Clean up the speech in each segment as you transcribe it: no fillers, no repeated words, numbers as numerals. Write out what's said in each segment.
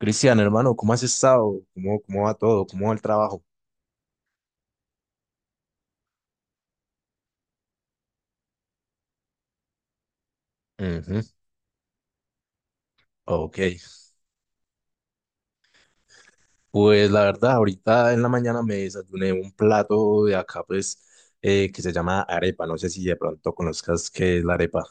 Cristian, hermano, ¿cómo has estado? ¿Cómo va todo? ¿Cómo va el trabajo? Ujú. Ok, pues la verdad, ahorita en la mañana me desayuné un plato de acá, pues, que se llama arepa. No sé si de pronto conozcas qué es la arepa.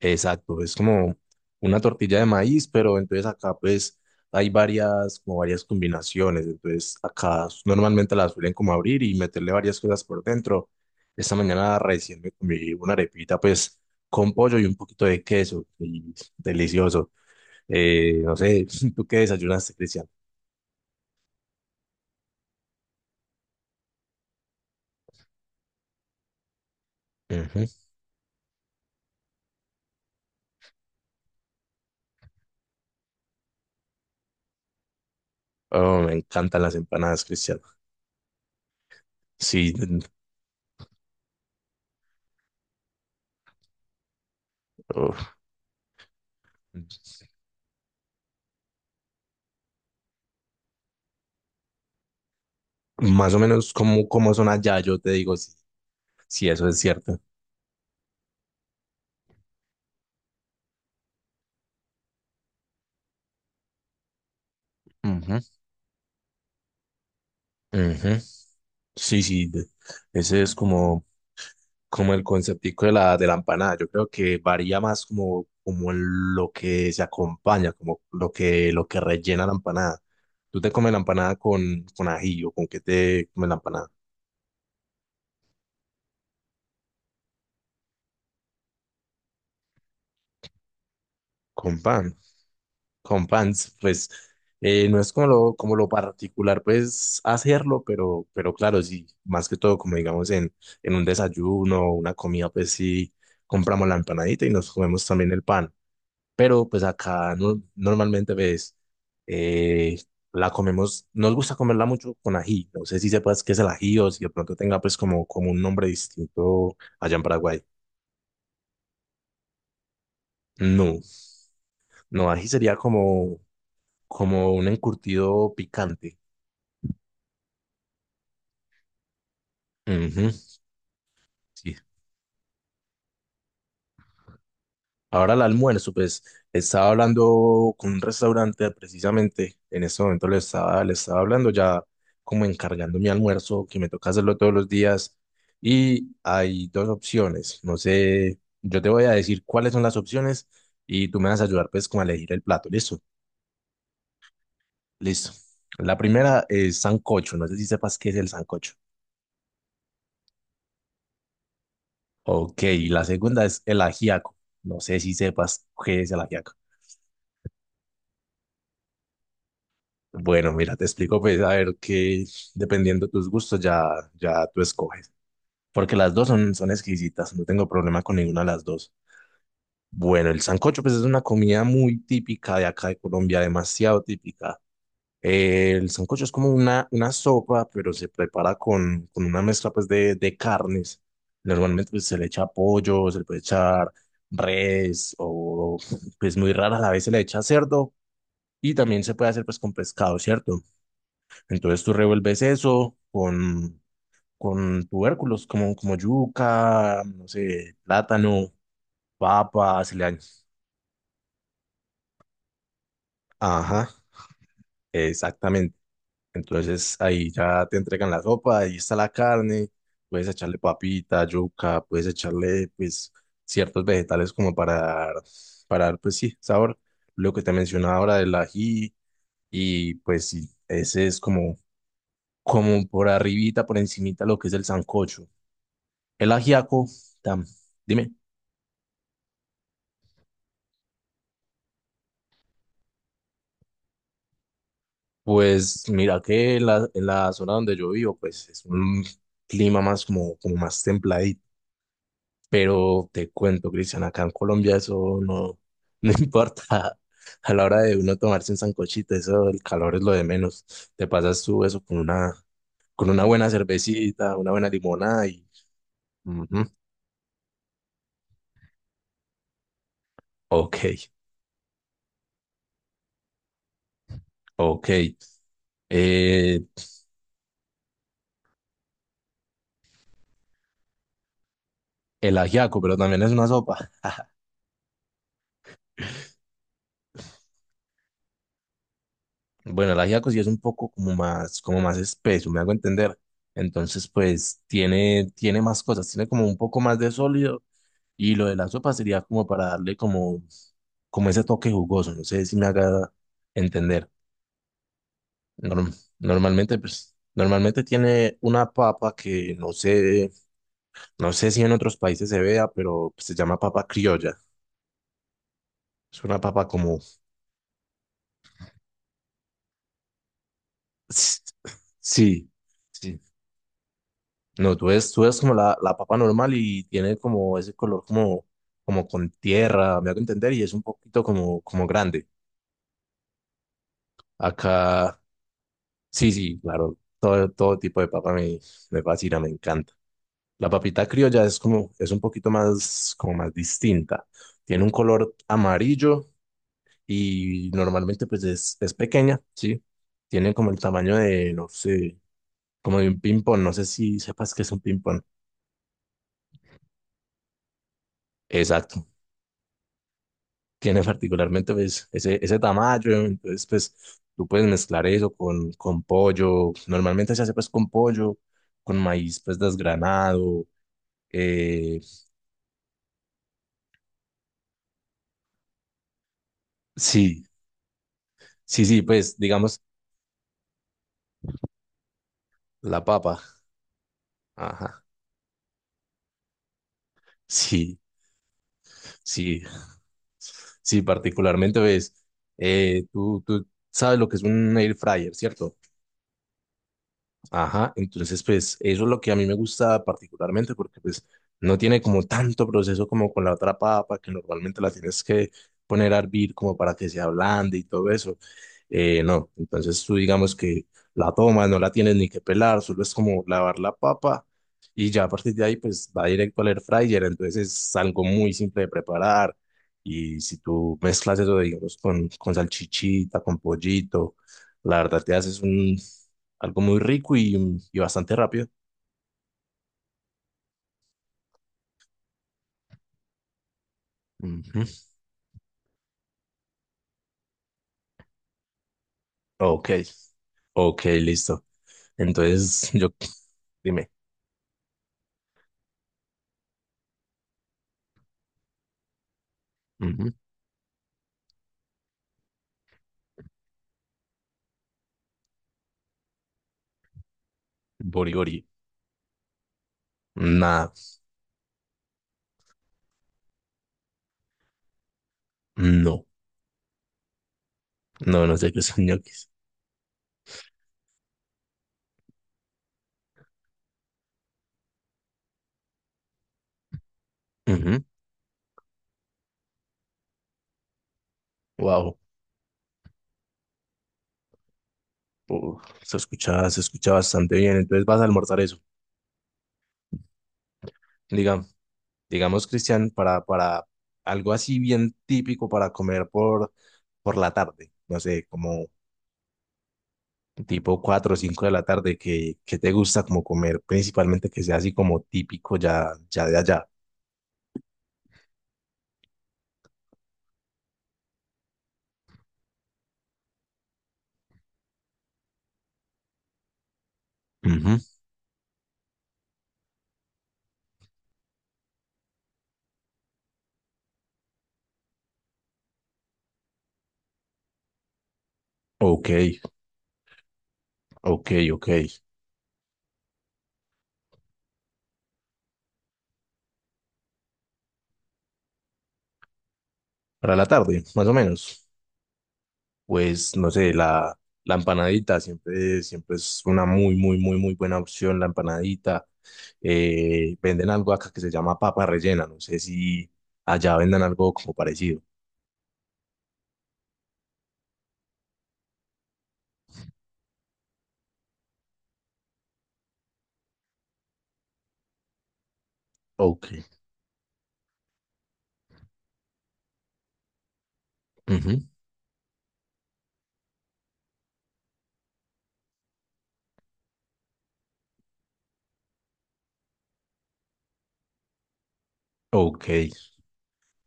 Exacto, es como una tortilla de maíz, pero entonces acá pues hay varias, como varias combinaciones, entonces normalmente las suelen como abrir y meterle varias cosas por dentro. Esta mañana recién me comí una arepita pues con pollo y un poquito de queso, y delicioso. No sé, ¿tú qué desayunaste, Cristian? Ujú. Oh, me encantan las empanadas, Cristian. Sí, mm, oh, más o menos como son allá, yo te digo si eso es cierto. Ujú. Sí, sí, ese es como, como el conceptico de la empanada. Yo creo que varía más como lo que se acompaña, como lo que rellena la empanada. ¿Tú te comes la empanada con ají o con qué te comes la empanada? Con pan. Con pan, pues no es como lo particular, pues hacerlo, pero claro, sí, más que todo, como digamos en un desayuno o una comida, pues sí, compramos la empanadita y nos comemos también el pan. Pero pues acá no- normalmente ves, la comemos, nos gusta comerla mucho con ají, no sé si sepas qué es el ají o si de pronto tenga pues como un nombre distinto allá en Paraguay. No, no, ají sería como un encurtido picante. Ujú, sí. Ahora el almuerzo, pues estaba hablando con un restaurante precisamente, en este momento le estaba hablando ya como encargando mi almuerzo, que me toca hacerlo todos los días, y hay dos opciones, no sé, yo te voy a decir cuáles son las opciones y tú me vas a ayudar pues como a elegir el plato, ¿listo? Listo. La primera es sancocho, no sé si sepas qué es el sancocho. Ok, la segunda es el ajiaco, no sé si sepas qué es el ajiaco. Bueno, mira, te explico, pues, a ver que dependiendo de tus gustos ya, ya tú escoges. Porque las dos son exquisitas, no tengo problema con ninguna de las dos. Bueno, el sancocho, pues, es una comida muy típica de acá de Colombia, demasiado típica. El sancocho es como una sopa, pero se prepara con una mezcla, pues, de carnes. Normalmente, pues, se le echa pollo, se le puede echar res, o, pues, muy rara a la vez se le echa cerdo. Y también se puede hacer, pues, con pescado, ¿cierto? Entonces tú revuelves eso con tubérculos como yuca, no sé, plátano, papa, ajá, exactamente. Entonces ahí ya te entregan la sopa, ahí está la carne, puedes echarle papita, yuca, puedes echarle pues ciertos vegetales como para dar pues sí, sabor. Lo que te mencionaba ahora del ají y pues sí, ese es como por arribita, por encimita lo que es el sancocho. El ajiaco, tam, dime. Pues mira que en la zona donde yo vivo, pues es un clima más como más templadito. Pero te cuento, Cristian, acá en Colombia eso no importa. A la hora de uno tomarse un sancochito, eso, el calor es lo de menos. Te pasas tú eso con una buena cervecita, una buena limonada y ujú, ok, ok. Eh, el ajiaco, pero también es una sopa. Bueno, el ajiaco sí es un poco como más, espeso, me hago entender. Entonces, pues tiene, tiene más cosas, tiene como un poco más de sólido y lo de la sopa sería como para darle como ese toque jugoso, no sé si me haga entender. Norm- Normalmente, pues, normalmente tiene una papa que no sé, no sé si en otros países se vea, pero se llama papa criolla. Es una papa como, sí, sí. No, tú ves como la papa normal y tiene como ese color como con tierra, me hago entender, y es un poquito como grande. Acá, sí, sí, claro, todo tipo de papa me fascina, me encanta. La papita criolla es como, es un poquito más, como más distinta. Tiene un color amarillo y normalmente pues es pequeña, sí. Tiene como el tamaño de, no sé, como de un ping-pong, no sé si sepas que es un ping-pong. Exacto. Tiene particularmente pues, ese tamaño, entonces pues tú puedes mezclar eso con pollo, normalmente se hace pues con pollo, con maíz pues desgranado, eh, sí, sí, sí, pues digamos la papa, ajá, sí, sí, sí, particularmente pues tú sabes lo que es un air fryer, ¿cierto? Ajá, entonces pues eso es lo que a mí me gusta particularmente porque pues no tiene como tanto proceso como con la otra papa que normalmente la tienes que poner a hervir como para que se ablande y todo eso. No, entonces tú digamos que la tomas, no la tienes ni que pelar, solo es como lavar la papa y ya a partir de ahí pues va directo al air fryer, entonces es algo muy simple de preparar y si tú mezclas eso digamos con salchichita, con pollito, la verdad te haces un algo muy rico y bastante rápido. Ujú. Ok, ok, listo. Entonces, yo, dime, ujú. Borigori. Nada, no, no, no sé qué son ñoquis. Wow, se escucha bastante bien. Entonces vas a almorzar eso. Diga, digamos, Cristian, para algo así bien típico para comer por la tarde. No sé, como tipo 4 o 5 de la tarde, que te gusta como comer? Principalmente que sea así como típico ya, ya de allá. Ujú. Ok, ok, ok. Para la tarde, más o menos. Pues no sé, la empanadita siempre, siempre es una muy, muy, muy, muy buena opción, la empanadita. Venden algo acá que se llama papa rellena, no sé si allá vendan algo como parecido. Ok, ujú, ok.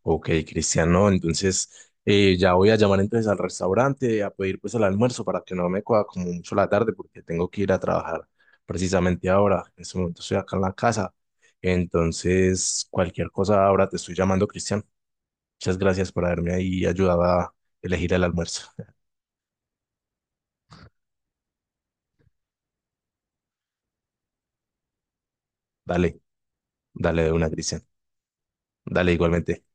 Ok, Cristiano, entonces ya voy a llamar entonces al restaurante a pedir pues el almuerzo para que no me coja como mucho la tarde porque tengo que ir a trabajar precisamente ahora. En este momento estoy acá en la casa. Entonces, cualquier cosa ahora te estoy llamando, Cristian. Muchas gracias por haberme ahí ayudado a elegir el almuerzo. Dale, dale de una, Cristian. Dale igualmente.